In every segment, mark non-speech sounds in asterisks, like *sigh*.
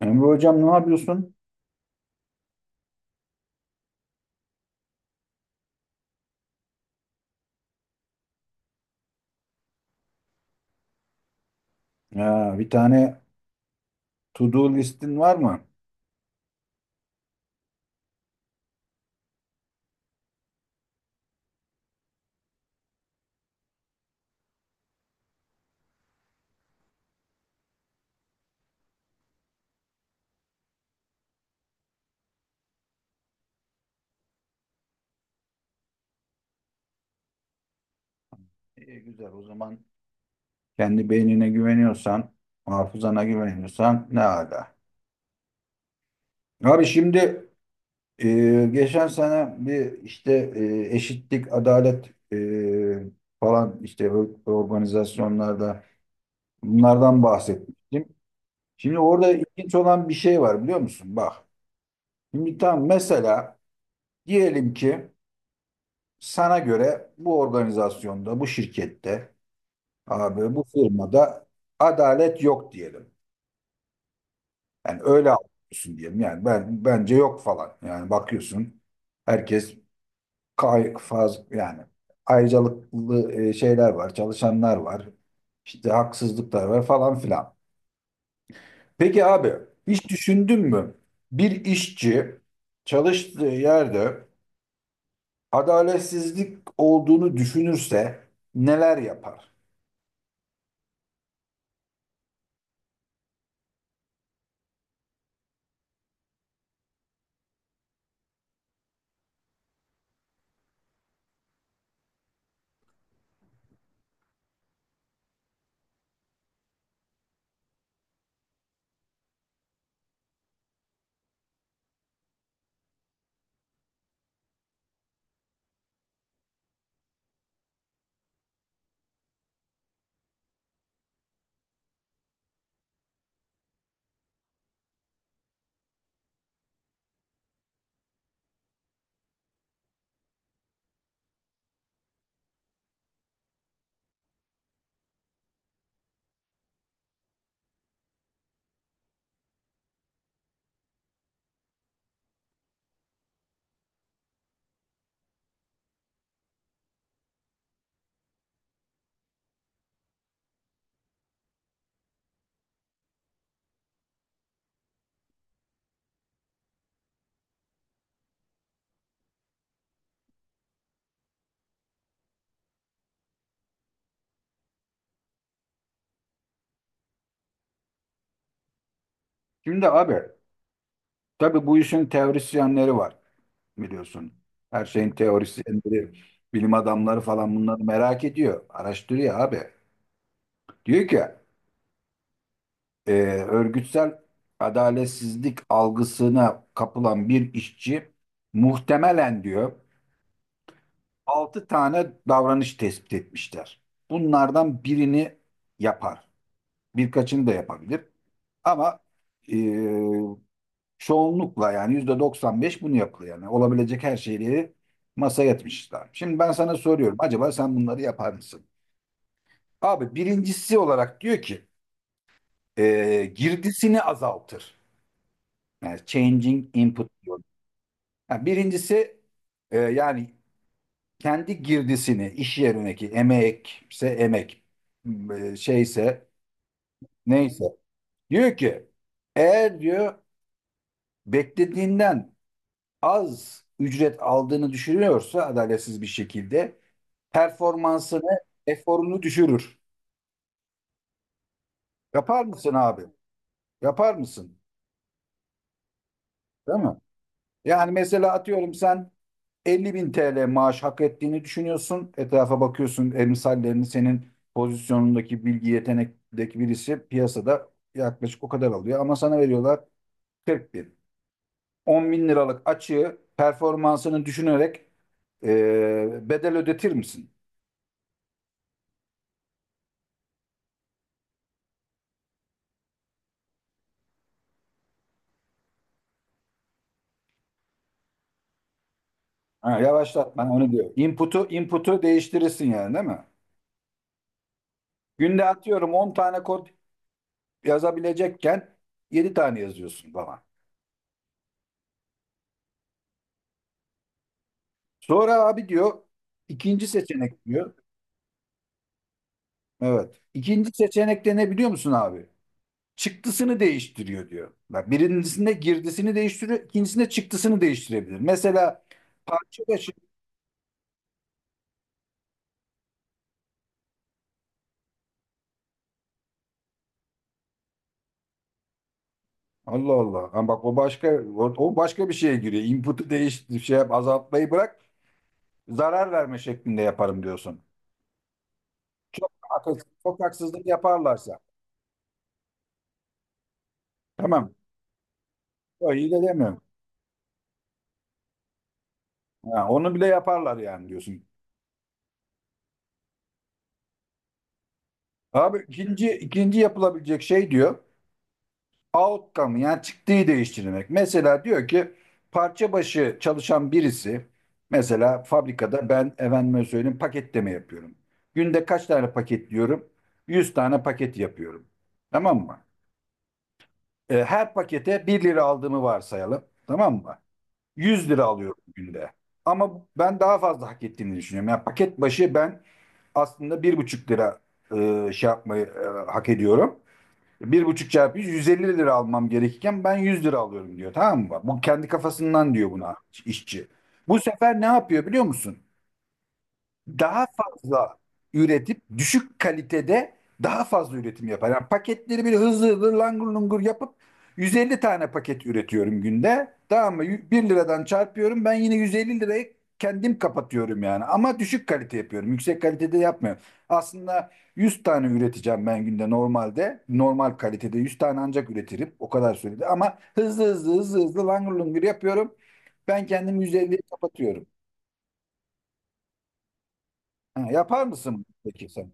Emre hocam, ne yapıyorsun? Ya, bir tane to do listin var mı? İyi, güzel o zaman, kendi beynine güveniyorsan, hafızana güveniyorsan ne ala. Abi şimdi geçen sene bir işte eşitlik, adalet, falan işte organizasyonlarda bunlardan bahsetmiştim. Şimdi orada ilginç olan bir şey var, biliyor musun? Bak, şimdi tam mesela diyelim ki sana göre bu organizasyonda, bu şirkette, abi bu firmada adalet yok diyelim. Yani öyle anlıyorsun diyelim. Yani ben, bence yok falan. Yani bakıyorsun herkes kay faz yani ayrıcalıklı şeyler var, çalışanlar var. İşte haksızlıklar var falan filan. Peki abi, hiç düşündün mü? Bir işçi çalıştığı yerde adaletsizlik olduğunu düşünürse neler yapar? Şimdi abi, tabii bu işin teorisyenleri var, biliyorsun. Her şeyin teorisyenleri, bilim adamları falan bunları merak ediyor. Araştırıyor abi. Diyor ki e, örgütsel adaletsizlik algısına kapılan bir işçi muhtemelen diyor, 6 tane davranış tespit etmişler. Bunlardan birini yapar. Birkaçını da yapabilir. Ama e, çoğunlukla, yani %95 bunu yapıyor yani. Olabilecek her şeyi masaya yatmışlar. Şimdi ben sana soruyorum. Acaba sen bunları yapar mısın? Abi, birincisi olarak diyor ki girdisini azaltır. Yani changing input diyor. Yani birincisi, yani kendi girdisini, iş yerindeki emekse emek, şeyse neyse. Diyor ki eğer diyor beklediğinden az ücret aldığını düşünüyorsa adaletsiz bir şekilde performansını, eforunu düşürür. Yapar mısın abi? Yapar mısın? Değil mi? Yani mesela atıyorum, sen 50 bin TL maaş hak ettiğini düşünüyorsun. Etrafa bakıyorsun, emsallerini, senin pozisyonundaki bilgi yetenekteki birisi piyasada yaklaşık o kadar alıyor. Ama sana veriyorlar 40 bin. 10 bin liralık açığı performansını düşünerek bedel ödetir misin? Ha, yavaşlat. Ben onu diyor. Input'u değiştirirsin yani, değil mi? Günde atıyorum 10 tane kod yazabilecekken 7 tane yazıyorsun falan. Sonra abi diyor ikinci seçenek diyor. Evet. İkinci seçenekte ne, biliyor musun abi? Çıktısını değiştiriyor diyor. Bak, birincisinde girdisini değiştiriyor, ikincisinde çıktısını değiştirebilir. Mesela parça başı. Allah Allah. Ha bak, o başka, o başka bir şeye giriyor. Input'u değiştir şey yap, azaltmayı bırak. Zarar verme şeklinde yaparım diyorsun. Çok, çok haksızlık yaparlarsa. Tamam. O iyi de demiyorum. Ha, onu bile yaparlar yani diyorsun. Abi, ikinci yapılabilecek şey diyor. Outcome yani çıktığı değiştirmek. Mesela diyor ki parça başı çalışan birisi, mesela fabrikada ben efendime söyleyeyim paketleme yapıyorum. Günde kaç tane paketliyorum? 100 tane paket yapıyorum. Tamam mı? E, her pakete bir lira aldığımı varsayalım. Tamam mı? 100 lira alıyorum günde. Ama ben daha fazla hak ettiğini düşünüyorum. Yani paket başı ben aslında bir buçuk lira şey yapmayı, hak ediyorum. Bir buçuk çarpı 100, 150 lira almam gerekirken ben 100 lira alıyorum diyor. Tamam mı? Bu kendi kafasından diyor buna işçi. Bu sefer ne yapıyor biliyor musun? Daha fazla üretip düşük kalitede daha fazla üretim yapar. Yani paketleri bir hızlı hızlı langur lungur yapıp 150 tane paket üretiyorum günde. Tamam mı? 1 liradan çarpıyorum. Ben yine 150 lirayı kendim kapatıyorum yani. Ama düşük kalite yapıyorum. Yüksek kalitede yapmıyorum. Aslında 100 tane üreteceğim ben günde normalde. Normal kalitede 100 tane ancak üretirim. O kadar sürede. Ama hızlı hızlı langur lungur yapıyorum. Ben kendim 150'yi kapatıyorum. Ha, yapar mısın peki sen?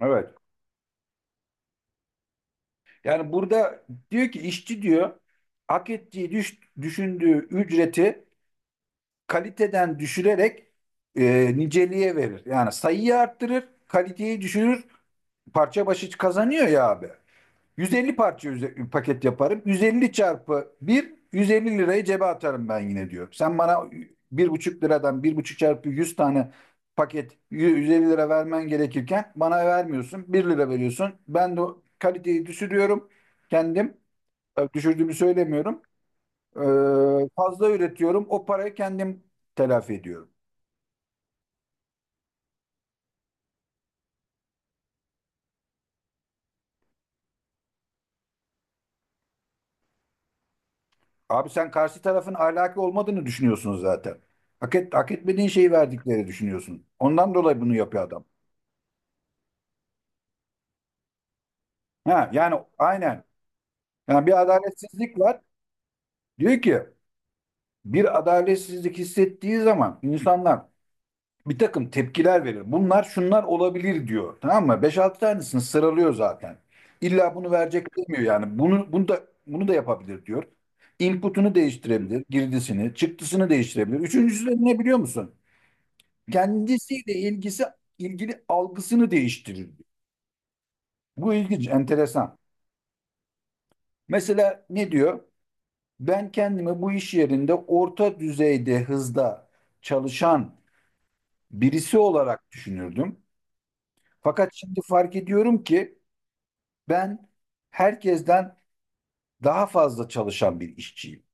Evet. Yani burada diyor ki işçi diyor hak ettiği düşündüğü ücreti kaliteden düşürerek niceliğe verir. Yani sayıyı arttırır, kaliteyi düşürür, parça başı kazanıyor ya abi. 150 parça paket yaparım. 150 çarpı 1, 150 lirayı cebe atarım ben yine diyor. Sen bana bir buçuk liradan bir buçuk çarpı 100 tane paket 150 lira vermen gerekirken bana vermiyorsun. Bir lira veriyorsun. Ben de o kaliteyi düşürüyorum kendim. Düşürdüğümü söylemiyorum. Fazla üretiyorum. O parayı kendim telafi ediyorum. Abi, sen karşı tarafın ahlaki olmadığını düşünüyorsun zaten. Hak, et, hak etmediğin şeyi verdikleri düşünüyorsun. Ondan dolayı bunu yapıyor adam. Ha, yani aynen. Yani bir adaletsizlik var. Diyor ki bir adaletsizlik hissettiği zaman insanlar bir takım tepkiler verir. Bunlar şunlar olabilir diyor. Tamam mı? 5-6 tanesini sıralıyor zaten. İlla bunu verecek demiyor yani. Bunu, bunu da bunu da yapabilir diyor. Input'unu değiştirebilir, girdisini, çıktısını değiştirebilir. Üçüncüsü de ne, biliyor musun? Kendisiyle ilgisi ilgili algısını değiştirir diyor. Bu ilginç, enteresan. Mesela ne diyor? Ben kendimi bu iş yerinde orta düzeyde hızda çalışan birisi olarak düşünürdüm. Fakat şimdi fark ediyorum ki ben herkesten daha fazla çalışan bir işçiyim.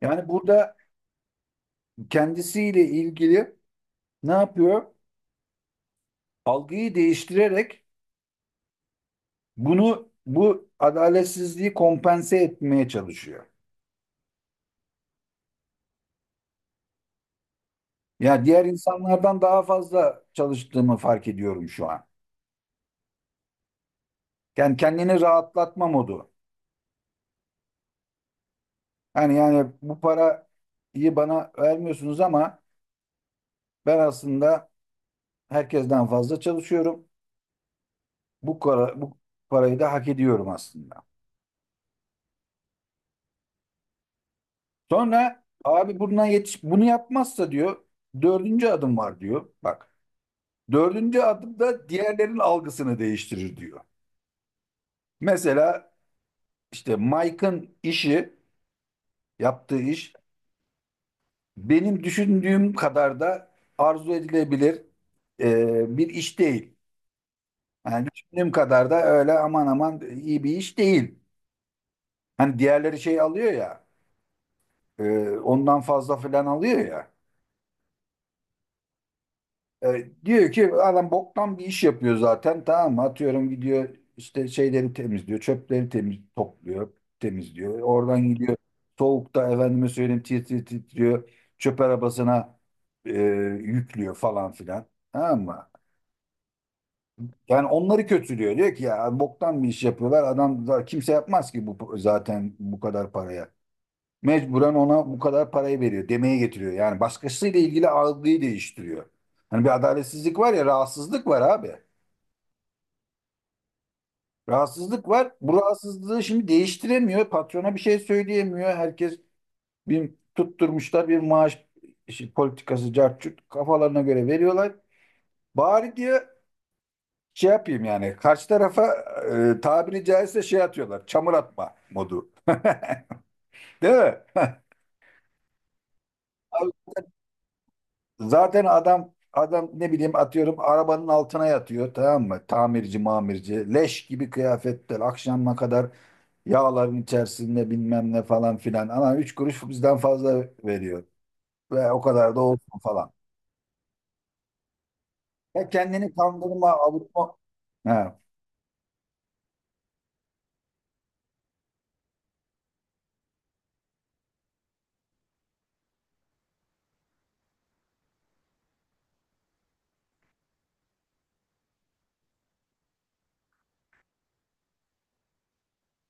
Yani burada kendisiyle ilgili ne yapıyor? Algıyı değiştirerek bunu, bu adaletsizliği kompense etmeye çalışıyor. Ya diğer insanlardan daha fazla çalıştığımı fark ediyorum şu an. Yani kendini rahatlatma modu. Hani yani bu parayı bana vermiyorsunuz ama ben aslında herkesten fazla çalışıyorum. Bu, para, bu parayı da hak ediyorum aslında. Sonra abi bundan yetiş bunu yapmazsa diyor dördüncü adım var diyor. Bak, dördüncü adım da diğerlerin algısını değiştirir diyor. Mesela işte Mike'ın işi, yaptığı iş benim düşündüğüm kadar da arzu edilebilir bir iş değil. Yani düşündüğüm kadar da öyle aman aman iyi bir iş değil. Hani diğerleri şey alıyor ya, ondan fazla falan alıyor ya. E, diyor ki adam boktan bir iş yapıyor zaten, tamam mı? Atıyorum gidiyor işte şeyleri temizliyor, çöpleri temiz topluyor, temizliyor. Oradan gidiyor soğukta efendime söyleyeyim titriyor, titriyor. Çöp arabasına e, yüklüyor falan filan. Tamam mı? Yani onları kötülüyor. Diyor ki ya boktan bir iş yapıyorlar. Kimse yapmaz ki bu zaten, bu kadar paraya. Mecburen ona bu kadar parayı veriyor, demeye getiriyor. Yani başkasıyla ilgili algıyı değiştiriyor. Hani bir adaletsizlik var ya, rahatsızlık var abi. Rahatsızlık var. Bu rahatsızlığı şimdi değiştiremiyor. Patrona bir şey söyleyemiyor. Herkes bir tutturmuşlar bir maaş işi, politikası cart curt kafalarına göre veriyorlar. Bari diyor şey yapayım yani karşı tarafa tabiri caizse şey atıyorlar. Çamur atma modu. *laughs* Değil mi? *laughs* Zaten adam, adam ne bileyim atıyorum arabanın altına yatıyor, tamam mı? Tamirci mamirci leş gibi kıyafetler, akşama kadar yağların içerisinde bilmem ne falan filan. Ama üç kuruş bizden fazla veriyor ve o kadar da olsun falan. Ya kendini kandırma, avutma. He.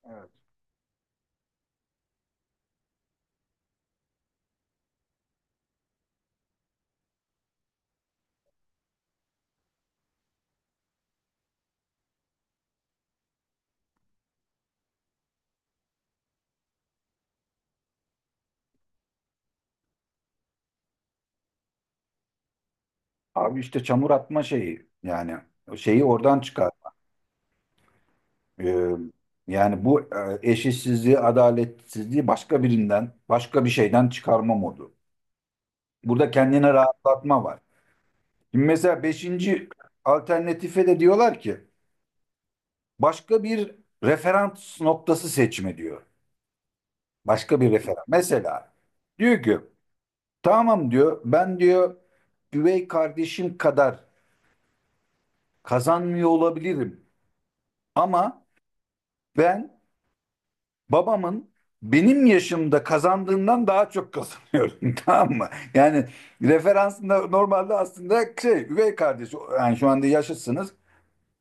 Evet. Abi işte çamur atma şeyi yani, o şeyi oradan çıkar. Ee, Yani bu eşitsizliği, adaletsizliği başka birinden, başka bir şeyden çıkarma modu. Burada kendine rahatlatma var. Şimdi mesela beşinci alternatife de diyorlar ki başka bir referans noktası seçme diyor. Başka bir referans. Mesela diyor ki tamam diyor, ben diyor üvey kardeşim kadar kazanmıyor olabilirim ama ben babamın benim yaşımda kazandığından daha çok kazanıyorum *laughs* tamam mı? Yani referansında normalde aslında şey üvey kardeş, yani şu anda yaşıtsınız.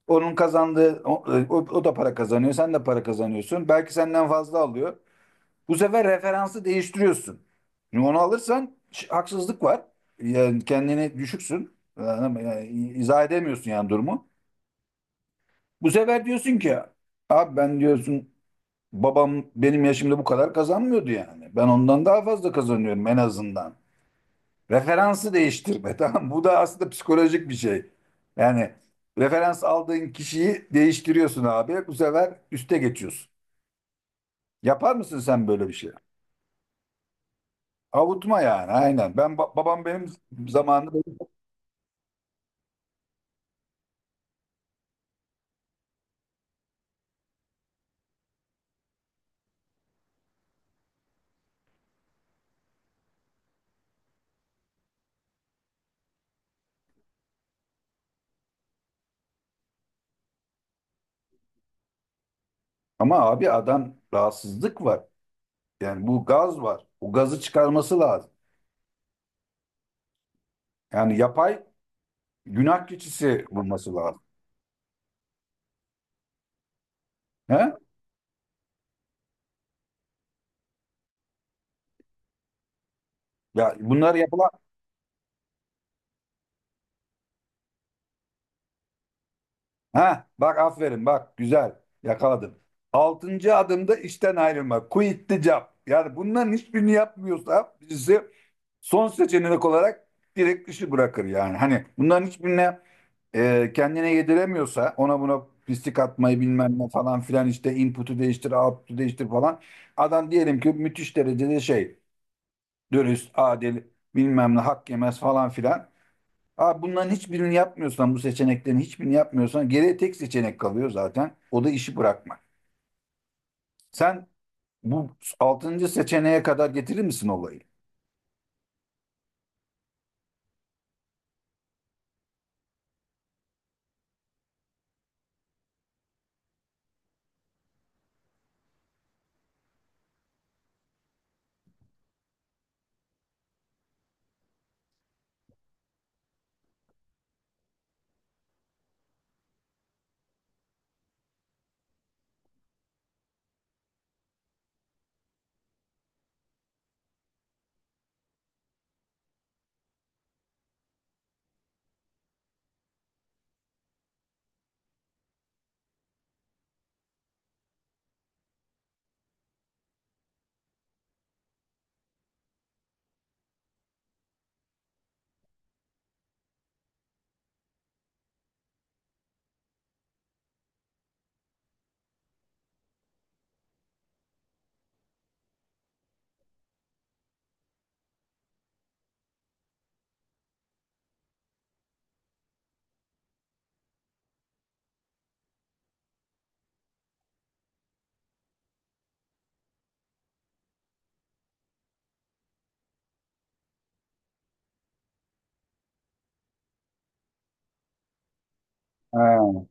Onun kazandığı, o da para kazanıyor, sen de para kazanıyorsun. Belki senden fazla alıyor. Bu sefer referansı değiştiriyorsun. Şimdi onu alırsan haksızlık var. Yani kendini düşüksün. Yani izah edemiyorsun yani durumu. Bu sefer diyorsun ki abi ben diyorsun babam benim yaşımda bu kadar kazanmıyordu yani. Ben ondan daha fazla kazanıyorum en azından. Referansı değiştirme *laughs* tamam mı? Bu da aslında psikolojik bir şey. Yani referans aldığın kişiyi değiştiriyorsun abi. Bu sefer üste geçiyorsun. Yapar mısın sen böyle bir şey? Avutma yani, aynen. Ben babam benim zamanında böyle- *laughs* ama abi adam rahatsızlık var. Yani bu gaz var. O gazı çıkarması lazım. Yani yapay günah keçisi bulması lazım. He? Ya bunlar yapılan. Ha, bak aferin bak, güzel yakaladın. Altıncı adımda işten ayrılma. Quit the job. Yani bunların hiçbirini yapmıyorsa birisi, son seçenek olarak direkt işi bırakır yani. Hani bunların hiçbirine kendine yediremiyorsa, ona buna pislik atmayı bilmem ne falan filan, işte input'u değiştir, output'u değiştir falan. Adam diyelim ki müthiş derecede şey, dürüst, adil, bilmem ne, hak yemez falan filan. Abi bunların hiçbirini yapmıyorsan, bu seçeneklerin hiçbirini yapmıyorsan geriye tek seçenek kalıyor zaten. O da işi bırakmak. Sen bu altıncı seçeneğe kadar getirir misin olayı? Ha,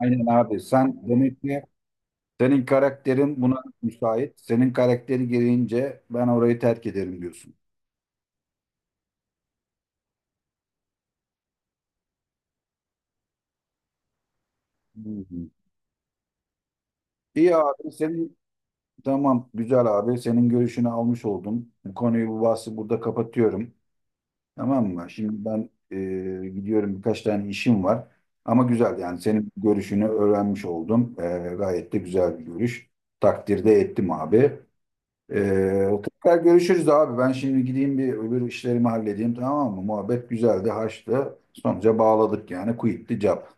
aynen abi. Sen demek ki, senin karakterin buna müsait. Senin karakteri gereğince ben orayı terk ederim diyorsun. Hı hı. İyi abi, senin tamam, güzel abi, senin görüşünü almış oldum. Bu konuyu, bu bahsi burada kapatıyorum. Tamam mı? Şimdi ben gidiyorum, birkaç tane işim var. Ama güzel yani, senin görüşünü öğrenmiş oldum. E, gayet de güzel bir görüş. Takdirde ettim abi. E, tekrar görüşürüz abi. Ben şimdi gideyim bir, öbür işlerimi halledeyim, tamam mı? Muhabbet güzeldi, haçtı. Sonuca bağladık yani. Quit the job. *laughs*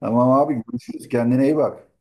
Tamam abi, görüşürüz. Kendine iyi bak.